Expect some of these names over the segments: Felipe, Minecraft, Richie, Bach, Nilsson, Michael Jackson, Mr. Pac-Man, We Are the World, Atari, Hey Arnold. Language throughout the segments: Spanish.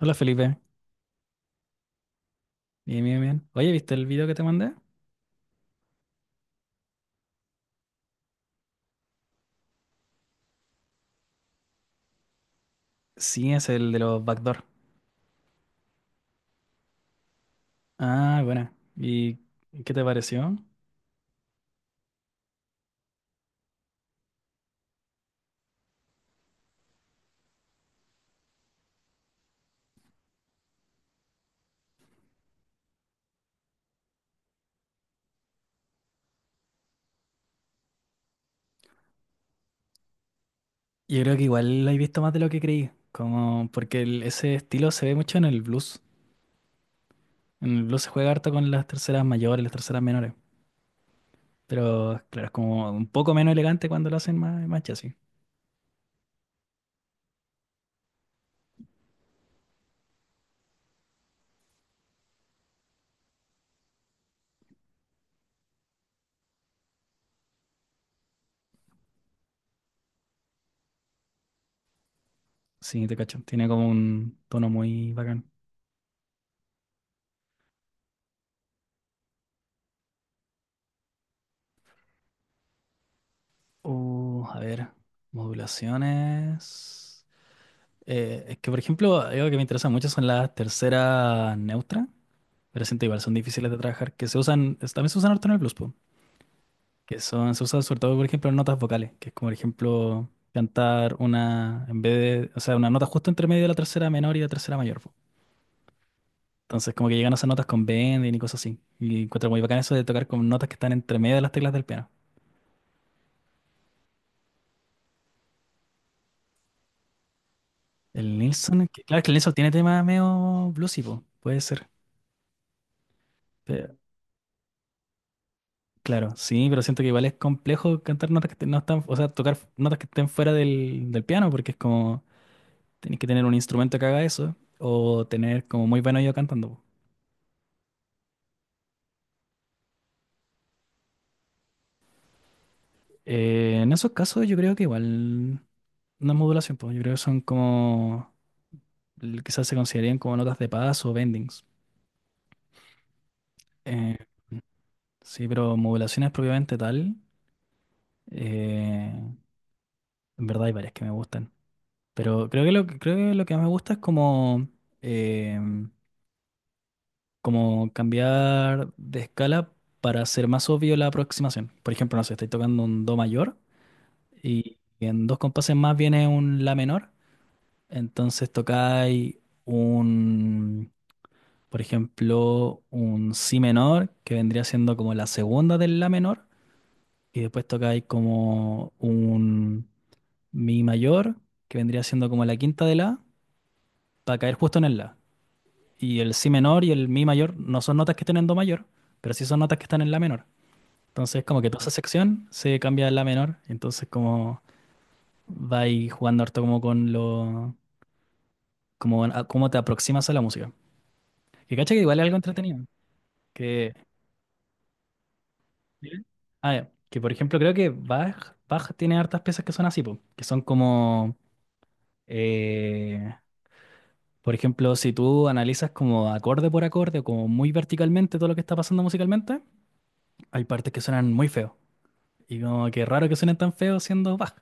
Hola Felipe, bien, bien, bien. Oye, ¿viste el video que te mandé? Sí, es el de los backdoor. Ah, bueno. ¿Y qué te pareció? Yo creo que igual lo he visto más de lo que creí, como porque ese estilo se ve mucho en el blues. En el blues se juega harto con las terceras mayores, las terceras menores, pero claro, es como un poco menos elegante cuando lo hacen más chasis. Sí, te cacho. Tiene como un tono muy bacán. A ver, modulaciones. Es que, por ejemplo, algo que me interesa mucho son las terceras neutras, pero siento igual son difíciles de trabajar, que se usan, también se usan harto en el blues, po, que son, se usan sobre todo, por ejemplo, en notas vocales, que es como, por ejemplo, cantar una, en vez de, o sea, una nota justo entre medio de la tercera menor y la tercera mayor, po. Entonces, como que llegan a esas notas con bending y cosas así. Y encuentro muy bacán eso de tocar con notas que están entre medio de las teclas del piano. El Nilsson, claro que el Nilsson tiene tema medio bluesy, po, puede ser. Claro, sí, pero siento que igual es complejo cantar notas que no están, o sea, tocar notas que estén fuera del piano, porque es como, tenés que tener un instrumento que haga eso, o tener como muy buen oído cantando, po. En esos casos yo creo que igual no es modulación, pues yo creo que son como, quizás se considerarían como notas de paz o bendings. Eh, sí, pero modulaciones propiamente tal, eh, en verdad hay varias que me gustan, pero creo que creo que lo que más me gusta es como... em, como cambiar de escala para hacer más obvio la aproximación. Por ejemplo, no sé, estoy tocando un do mayor y en dos compases más viene un la menor, entonces tocáis un, por ejemplo, un si menor, que vendría siendo como la segunda del la menor, y después tocáis como un mi mayor, que vendría siendo como la quinta de la, para caer justo en el la. Y el si menor y el mi mayor no son notas que estén en do mayor, pero sí son notas que están en la menor. Entonces, como que toda esa sección se cambia a la menor. Entonces, como va ahí jugando harto como con lo... Como, cómo te aproximas a la música. Que cacha que igual es algo entretenido. Que... ¿Sí? Ah, ya. Que por ejemplo creo que Bach tiene hartas piezas que son así, po, que son como... eh, por ejemplo, si tú analizas como acorde por acorde o como muy verticalmente todo lo que está pasando musicalmente, hay partes que suenan muy feo. Y como que raro que suenen tan feos siendo Bach.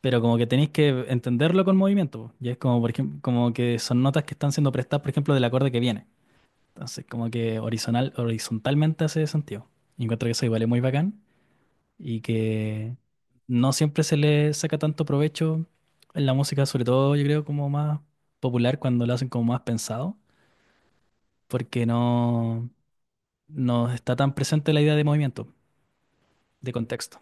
Pero como que tenéis que entenderlo con movimiento, po. Y es como, por ejemplo, como que son notas que están siendo prestadas, por ejemplo, del acorde que viene. Entonces, como que horizontalmente hace sentido. Y encuentro que eso igual es muy bacán y que no siempre se le saca tanto provecho en la música, sobre todo yo creo como más popular cuando lo hacen como más pensado, porque no está tan presente la idea de movimiento, de contexto.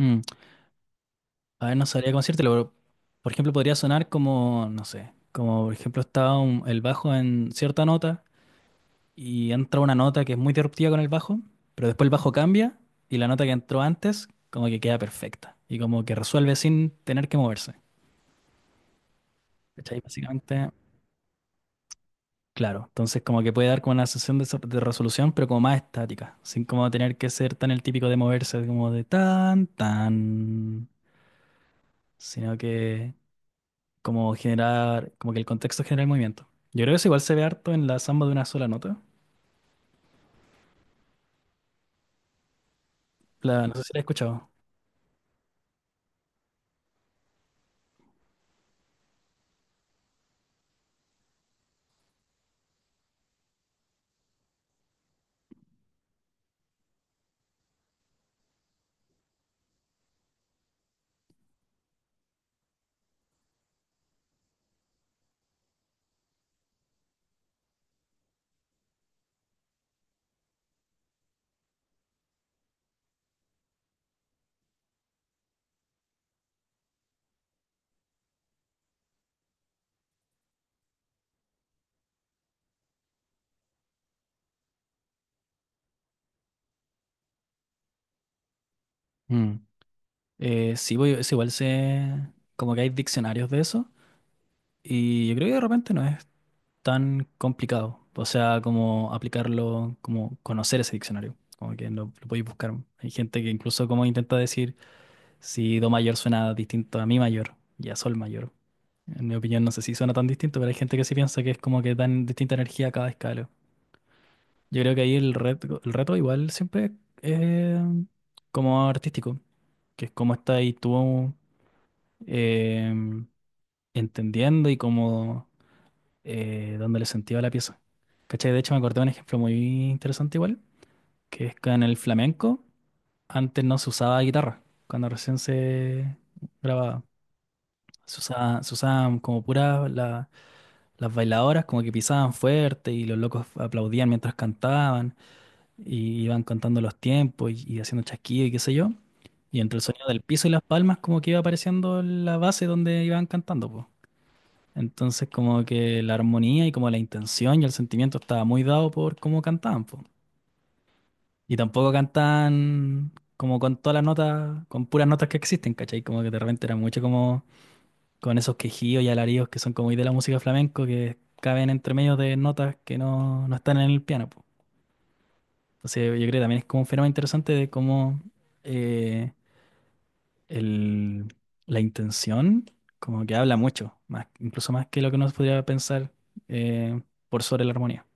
Mm. A ver, no sabría cómo decírtelo, pero por ejemplo podría sonar como, no sé, como por ejemplo está el bajo en cierta nota y entra una nota que es muy disruptiva con el bajo, pero después el bajo cambia y la nota que entró antes como que queda perfecta y como que resuelve sin tener que moverse. ¿Cachai? Básicamente, claro. Entonces como que puede dar como una sensación de, de resolución, pero como más estática, sin como tener que ser tan el típico de moverse como de tan, sino que... como generar, como que el contexto genera el movimiento. Yo creo que eso igual se ve harto en la samba de una sola nota. La, no sé si la he escuchado. Mm. Sí, es igual se, como que hay diccionarios de eso y yo creo que de repente no es tan complicado. O sea, como aplicarlo, como conocer ese diccionario, como que lo podéis buscar. Hay gente que incluso como intenta decir si do mayor suena distinto a mi mayor y a sol mayor. En mi opinión, no sé si suena tan distinto, pero hay gente que sí piensa que es como que dan distinta energía a cada escala. Yo creo que ahí el reto igual siempre es eh, como artístico, que es cómo estás ahí tú em, entendiendo y como dándole sentido a la pieza. ¿Cachai? De hecho me acordé de un ejemplo muy interesante igual, que es que en el flamenco antes no se usaba guitarra, cuando recién se grababa. Se usaban como puras las bailadoras, como que pisaban fuerte y los locos aplaudían mientras cantaban, y iban contando los tiempos y haciendo chasquido y qué sé yo. Y entre el sonido del piso y las palmas como que iba apareciendo la base donde iban cantando, pues. Entonces como que la armonía y como la intención y el sentimiento estaba muy dado por cómo cantaban, pues. Y tampoco cantaban como con todas las notas, con puras notas que existen, ¿cachai? Como que de repente era mucho como con esos quejidos y alaridos que son como muy de la música flamenco que caben entre medio de notas que no están en el piano. Entonces, yo creo que también es como un fenómeno interesante de cómo eh, el- la intención como que habla mucho, más, incluso más que lo que uno podría pensar, eh, por sobre la armonía.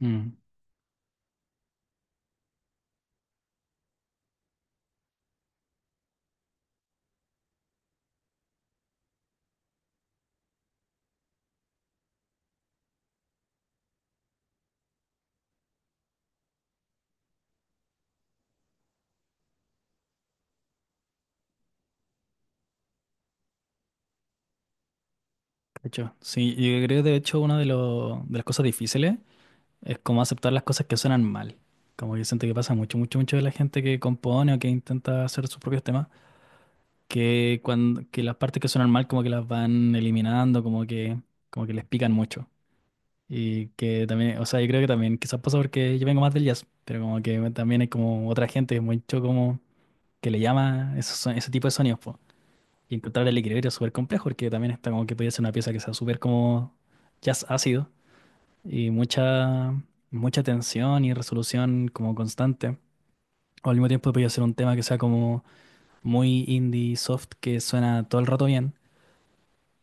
Mm, de hecho sí, yo creo que de hecho una de, de las cosas difíciles es como aceptar las cosas que suenan mal. Como que siento que pasa mucho de la gente que compone o que intenta hacer sus propios temas, que las partes que suenan mal como que las van eliminando, como que les pican mucho. Y que también, o sea, yo creo que también quizás pasa porque yo vengo más del jazz, pero como que también hay como otra gente mucho como que le llama esos, ese tipo de sonidos, po. Y encontrar el equilibrio es súper complejo porque también está como que podría ser una pieza que sea súper como jazz ácido y mucha tensión y resolución como constante. O al mismo tiempo podría ser un tema que sea como muy indie soft que suena todo el rato bien,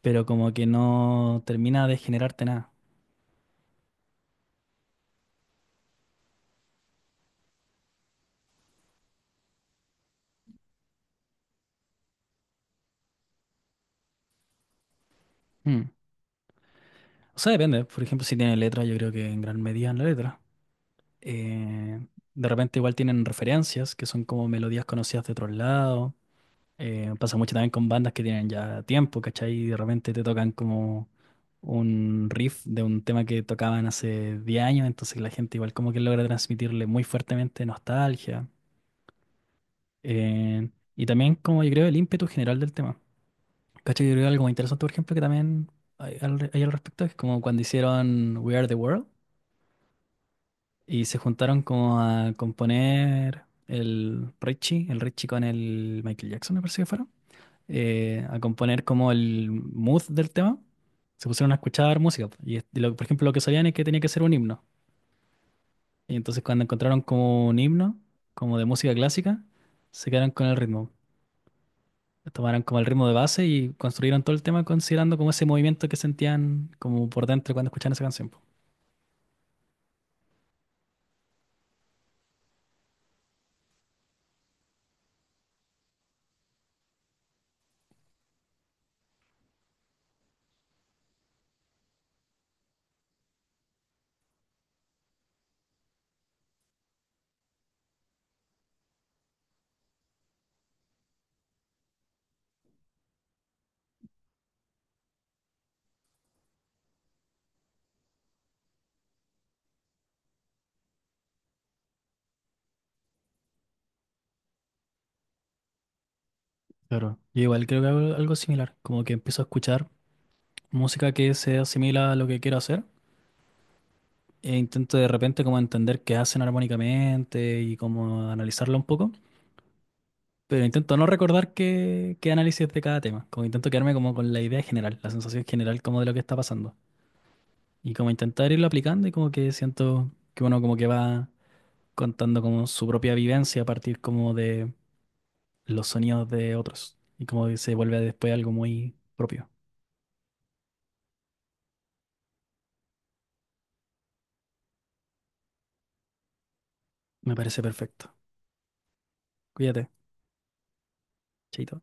pero como que no termina de generarte nada. O sea, depende. Por ejemplo, si tiene letra, yo creo que en gran medida en la letra. Eh, de repente igual tienen referencias, que son como melodías conocidas de otros lados. Pasa mucho también con bandas que tienen ya tiempo, ¿cachai? Y de repente te tocan como un riff de un tema que tocaban hace 10 años, entonces la gente igual como que logra transmitirle muy fuertemente nostalgia. Eh, y también como yo creo el ímpetu general del tema. ¿Cachai? Yo creo algo muy interesante, por ejemplo, que también hay al respecto, es como cuando hicieron We Are the World. Y se juntaron como a componer el Richie con el Michael Jackson, me parece que fueron, a componer como el mood del tema. Se pusieron a escuchar música. Y, por ejemplo, lo que sabían es que tenía que ser un himno. Y entonces cuando encontraron como un himno, como de música clásica, se quedaron con el ritmo. Tomaron como el ritmo de base y construyeron todo el tema considerando como ese movimiento que sentían como por dentro cuando escuchaban esa canción, po. Claro. Yo igual creo que hago algo similar, como que empiezo a escuchar música que se asimila a lo que quiero hacer e intento de repente como entender qué hacen armónicamente y como analizarlo un poco, pero intento no recordar qué análisis de cada tema, como intento quedarme como con la idea general, la sensación general como de lo que está pasando y como intentar irlo aplicando y como que siento que uno como que va contando como su propia vivencia a partir como de los sonidos de otros y como que se vuelve después algo muy propio. Me parece perfecto. Cuídate, chaito.